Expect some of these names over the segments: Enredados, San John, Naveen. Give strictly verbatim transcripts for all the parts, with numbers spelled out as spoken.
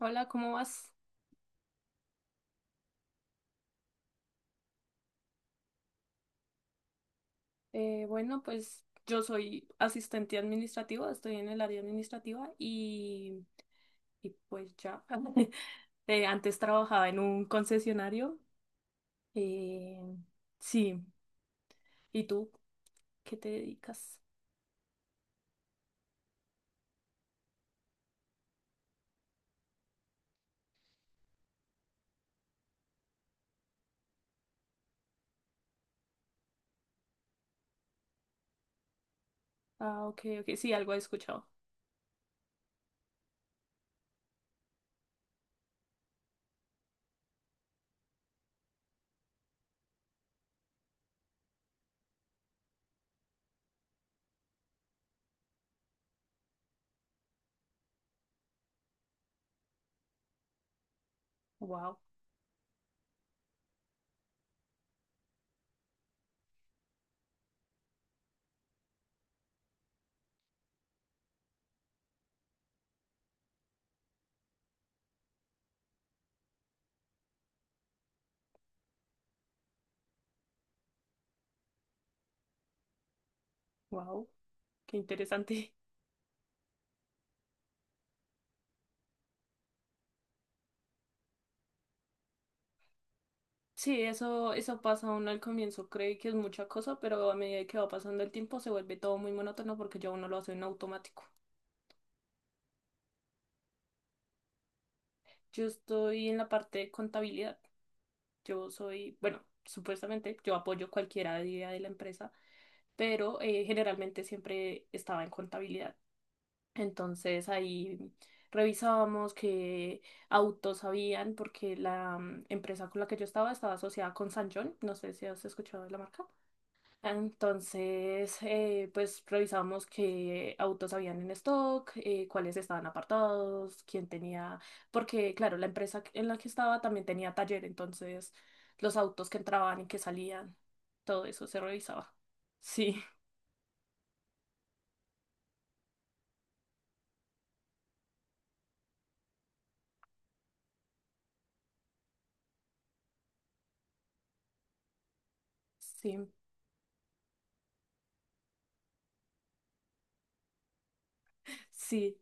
Hola, ¿cómo vas? Eh, bueno, pues yo soy asistente administrativa, estoy en el área administrativa y, y pues ya. Eh, antes trabajaba en un concesionario. eh, sí, ¿y tú qué te dedicas? Ah, ok, ok, sí, algo he escuchado. Wow, wow, qué interesante. Sí, eso, eso pasa uno al comienzo, cree que es mucha cosa, pero a medida que va pasando el tiempo se vuelve todo muy monótono porque ya uno lo hace en automático. Yo estoy en la parte de contabilidad. Yo soy, bueno, supuestamente yo apoyo cualquier idea de la empresa, pero eh, generalmente siempre estaba en contabilidad. Entonces ahí revisábamos qué autos habían, porque la mm, empresa con la que yo estaba estaba asociada con San John. No sé si has escuchado de la marca. Entonces, eh, pues revisamos qué autos habían en stock, eh, cuáles estaban apartados, quién tenía, porque claro, la empresa en la que estaba también tenía taller, entonces los autos que entraban y que salían, todo eso se revisaba. Sí, sí, sí.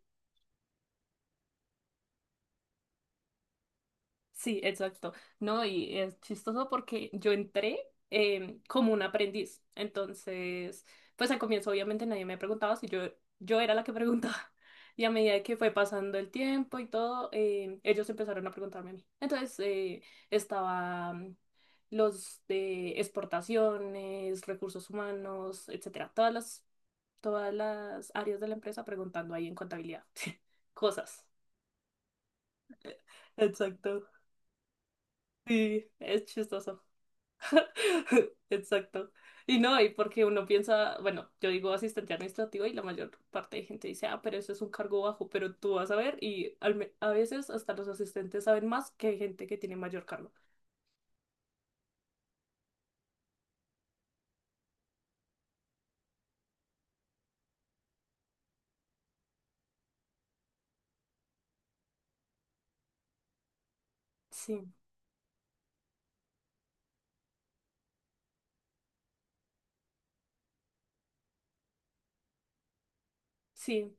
Sí, exacto. No, y es chistoso porque yo entré em, como un aprendiz. Entonces, pues al comienzo obviamente nadie me preguntaba si yo, yo era la que preguntaba. Y a medida que fue pasando el tiempo y todo, em, ellos empezaron a preguntarme a mí. Entonces, eh, estaban los de exportaciones, recursos humanos, etcétera. Todas las, todas las áreas de la empresa preguntando ahí en contabilidad. Cosas. Exacto. Sí, es chistoso. Exacto. Y no, y porque uno piensa, bueno, yo digo asistente administrativo y la mayor parte de gente dice, ah, pero eso es un cargo bajo, pero tú vas a ver y al me- a veces hasta los asistentes saben más que gente que tiene mayor cargo. Sí, sí,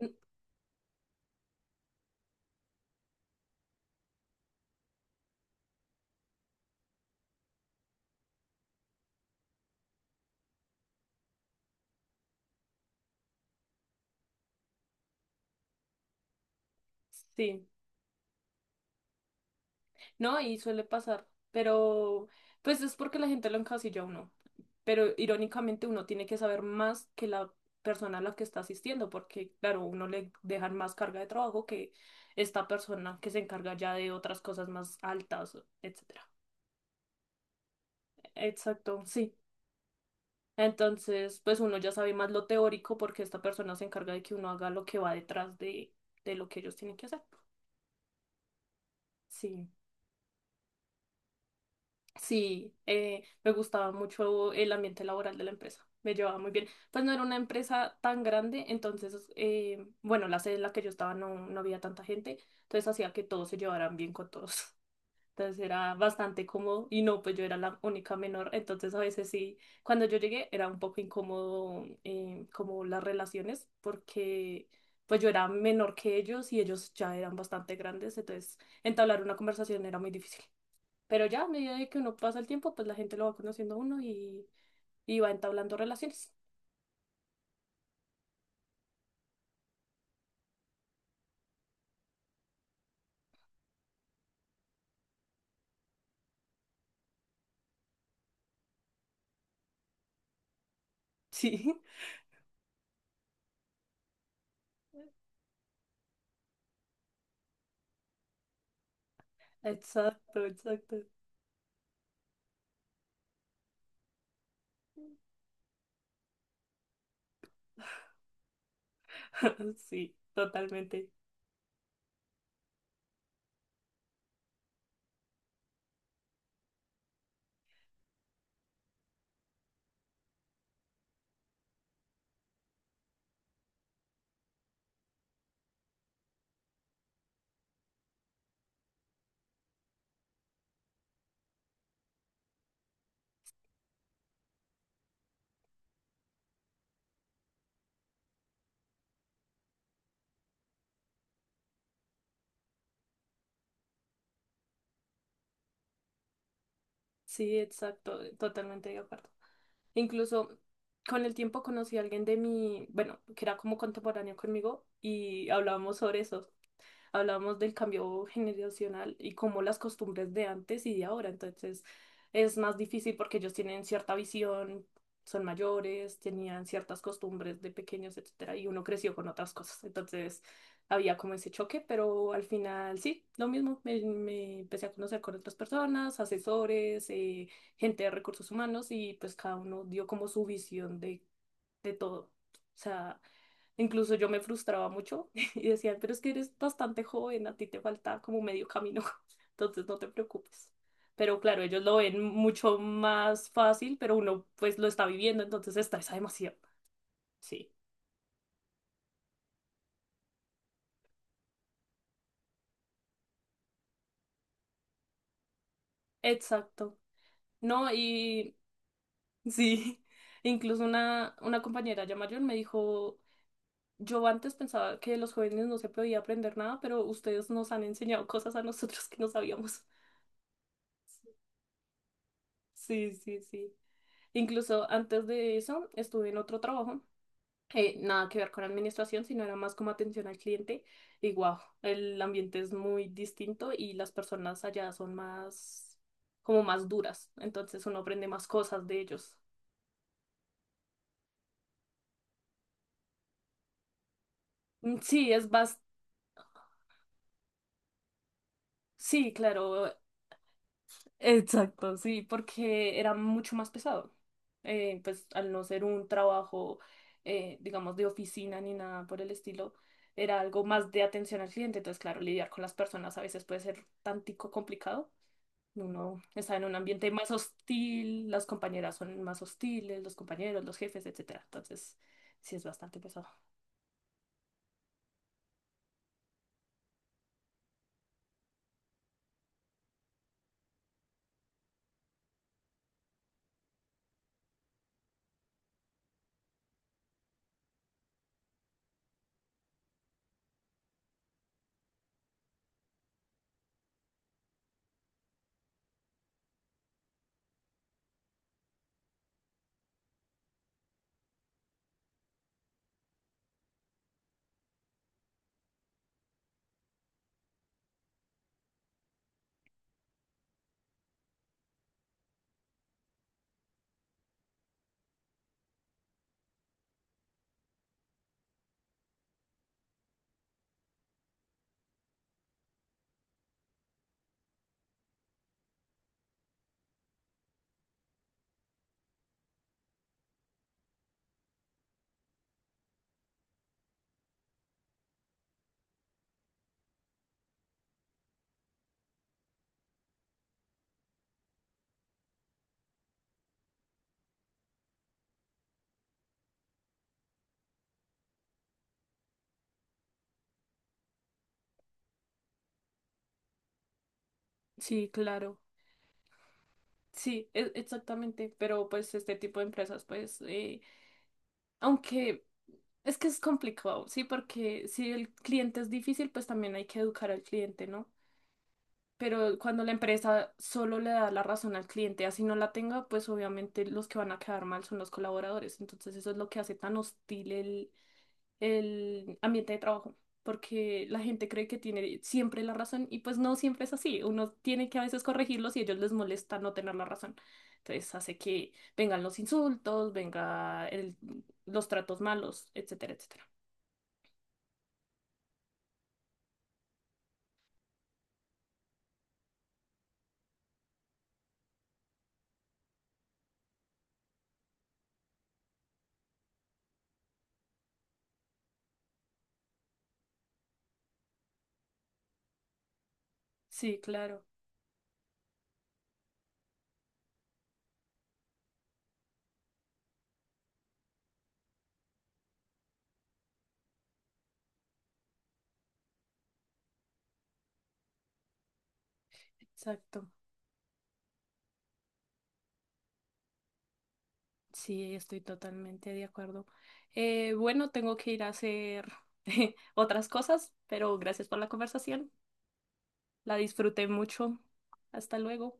mm, sí. No, y suele pasar, pero pues es porque la gente lo encasilla a uno. Pero irónicamente uno tiene que saber más que la persona a la que está asistiendo, porque claro, uno le dejan más carga de trabajo que esta persona que se encarga ya de otras cosas más altas, etcétera. Exacto, sí. Entonces, pues uno ya sabe más lo teórico porque esta persona se encarga de que uno haga lo que va detrás de, de lo que ellos tienen que hacer. Sí. Sí, eh, me gustaba mucho el ambiente laboral de la empresa, me llevaba muy bien. Pues no era una empresa tan grande, entonces, eh, bueno, la sede en la que yo estaba no, no había tanta gente, entonces hacía que todos se llevaran bien con todos. Entonces era bastante cómodo y no, pues yo era la única menor, entonces a veces sí, cuando yo llegué era un poco incómodo eh, como las relaciones, porque pues yo era menor que ellos y ellos ya eran bastante grandes, entonces entablar una conversación era muy difícil. Pero ya, a medida de que uno pasa el tiempo, pues la gente lo va conociendo a uno y, y va entablando relaciones. Sí, exacto, exacto. Sí, totalmente. Sí, exacto, totalmente de acuerdo. Incluso con el tiempo conocí a alguien de mi, bueno, que era como contemporáneo conmigo y hablábamos sobre eso. Hablamos del cambio generacional y cómo las costumbres de antes y de ahora. Entonces es más difícil porque ellos tienen cierta visión, son mayores, tenían ciertas costumbres de pequeños, etcétera, y uno creció con otras cosas. Entonces había como ese choque, pero al final sí, lo mismo. Me, me empecé a conocer con otras personas, asesores, eh, gente de recursos humanos y pues cada uno dio como su visión de, de todo. O sea, incluso yo me frustraba mucho y decían, pero es que eres bastante joven, a ti te falta como medio camino, entonces no te preocupes. Pero claro, ellos lo ven mucho más fácil, pero uno pues lo está viviendo, entonces se estresa demasiado. Sí, exacto. No, y sí, incluso una, una compañera ya mayor me dijo, yo antes pensaba que los jóvenes no se podía aprender nada, pero ustedes nos han enseñado cosas a nosotros que no sabíamos. Sí, sí, sí. Incluso antes de eso estuve en otro trabajo, eh, nada que ver con administración, sino era más como atención al cliente. Y wow, el ambiente es muy distinto y las personas allá son más, como más duras. Entonces uno aprende más cosas de ellos. Mm, sí, es más, sí, claro, exacto, sí, porque era mucho más pesado. Eh, pues al no ser un trabajo, eh, digamos, de oficina ni nada por el estilo, era algo más de atención al cliente. Entonces, claro, lidiar con las personas a veces puede ser tantico complicado. Uno está en un ambiente más hostil, las compañeras son más hostiles, los compañeros, los jefes, etcétera. Entonces, sí es bastante pesado. Sí, claro. Sí, e- exactamente. Pero pues este tipo de empresas, pues, eh, aunque es que es complicado, sí, porque si el cliente es difícil, pues también hay que educar al cliente, ¿no? Pero cuando la empresa solo le da la razón al cliente, así no la tenga, pues obviamente los que van a quedar mal son los colaboradores. Entonces eso es lo que hace tan hostil el, el ambiente de trabajo, porque la gente cree que tiene siempre la razón y pues no siempre es así. Uno tiene que a veces corregirlos y a ellos les molesta no tener la razón. Entonces hace que vengan los insultos, venga el- los tratos malos, etcétera, etcétera. Sí, claro, exacto. Sí, estoy totalmente de acuerdo. Eh, bueno, tengo que ir a hacer otras cosas, pero gracias por la conversación. La disfruté mucho. Hasta luego.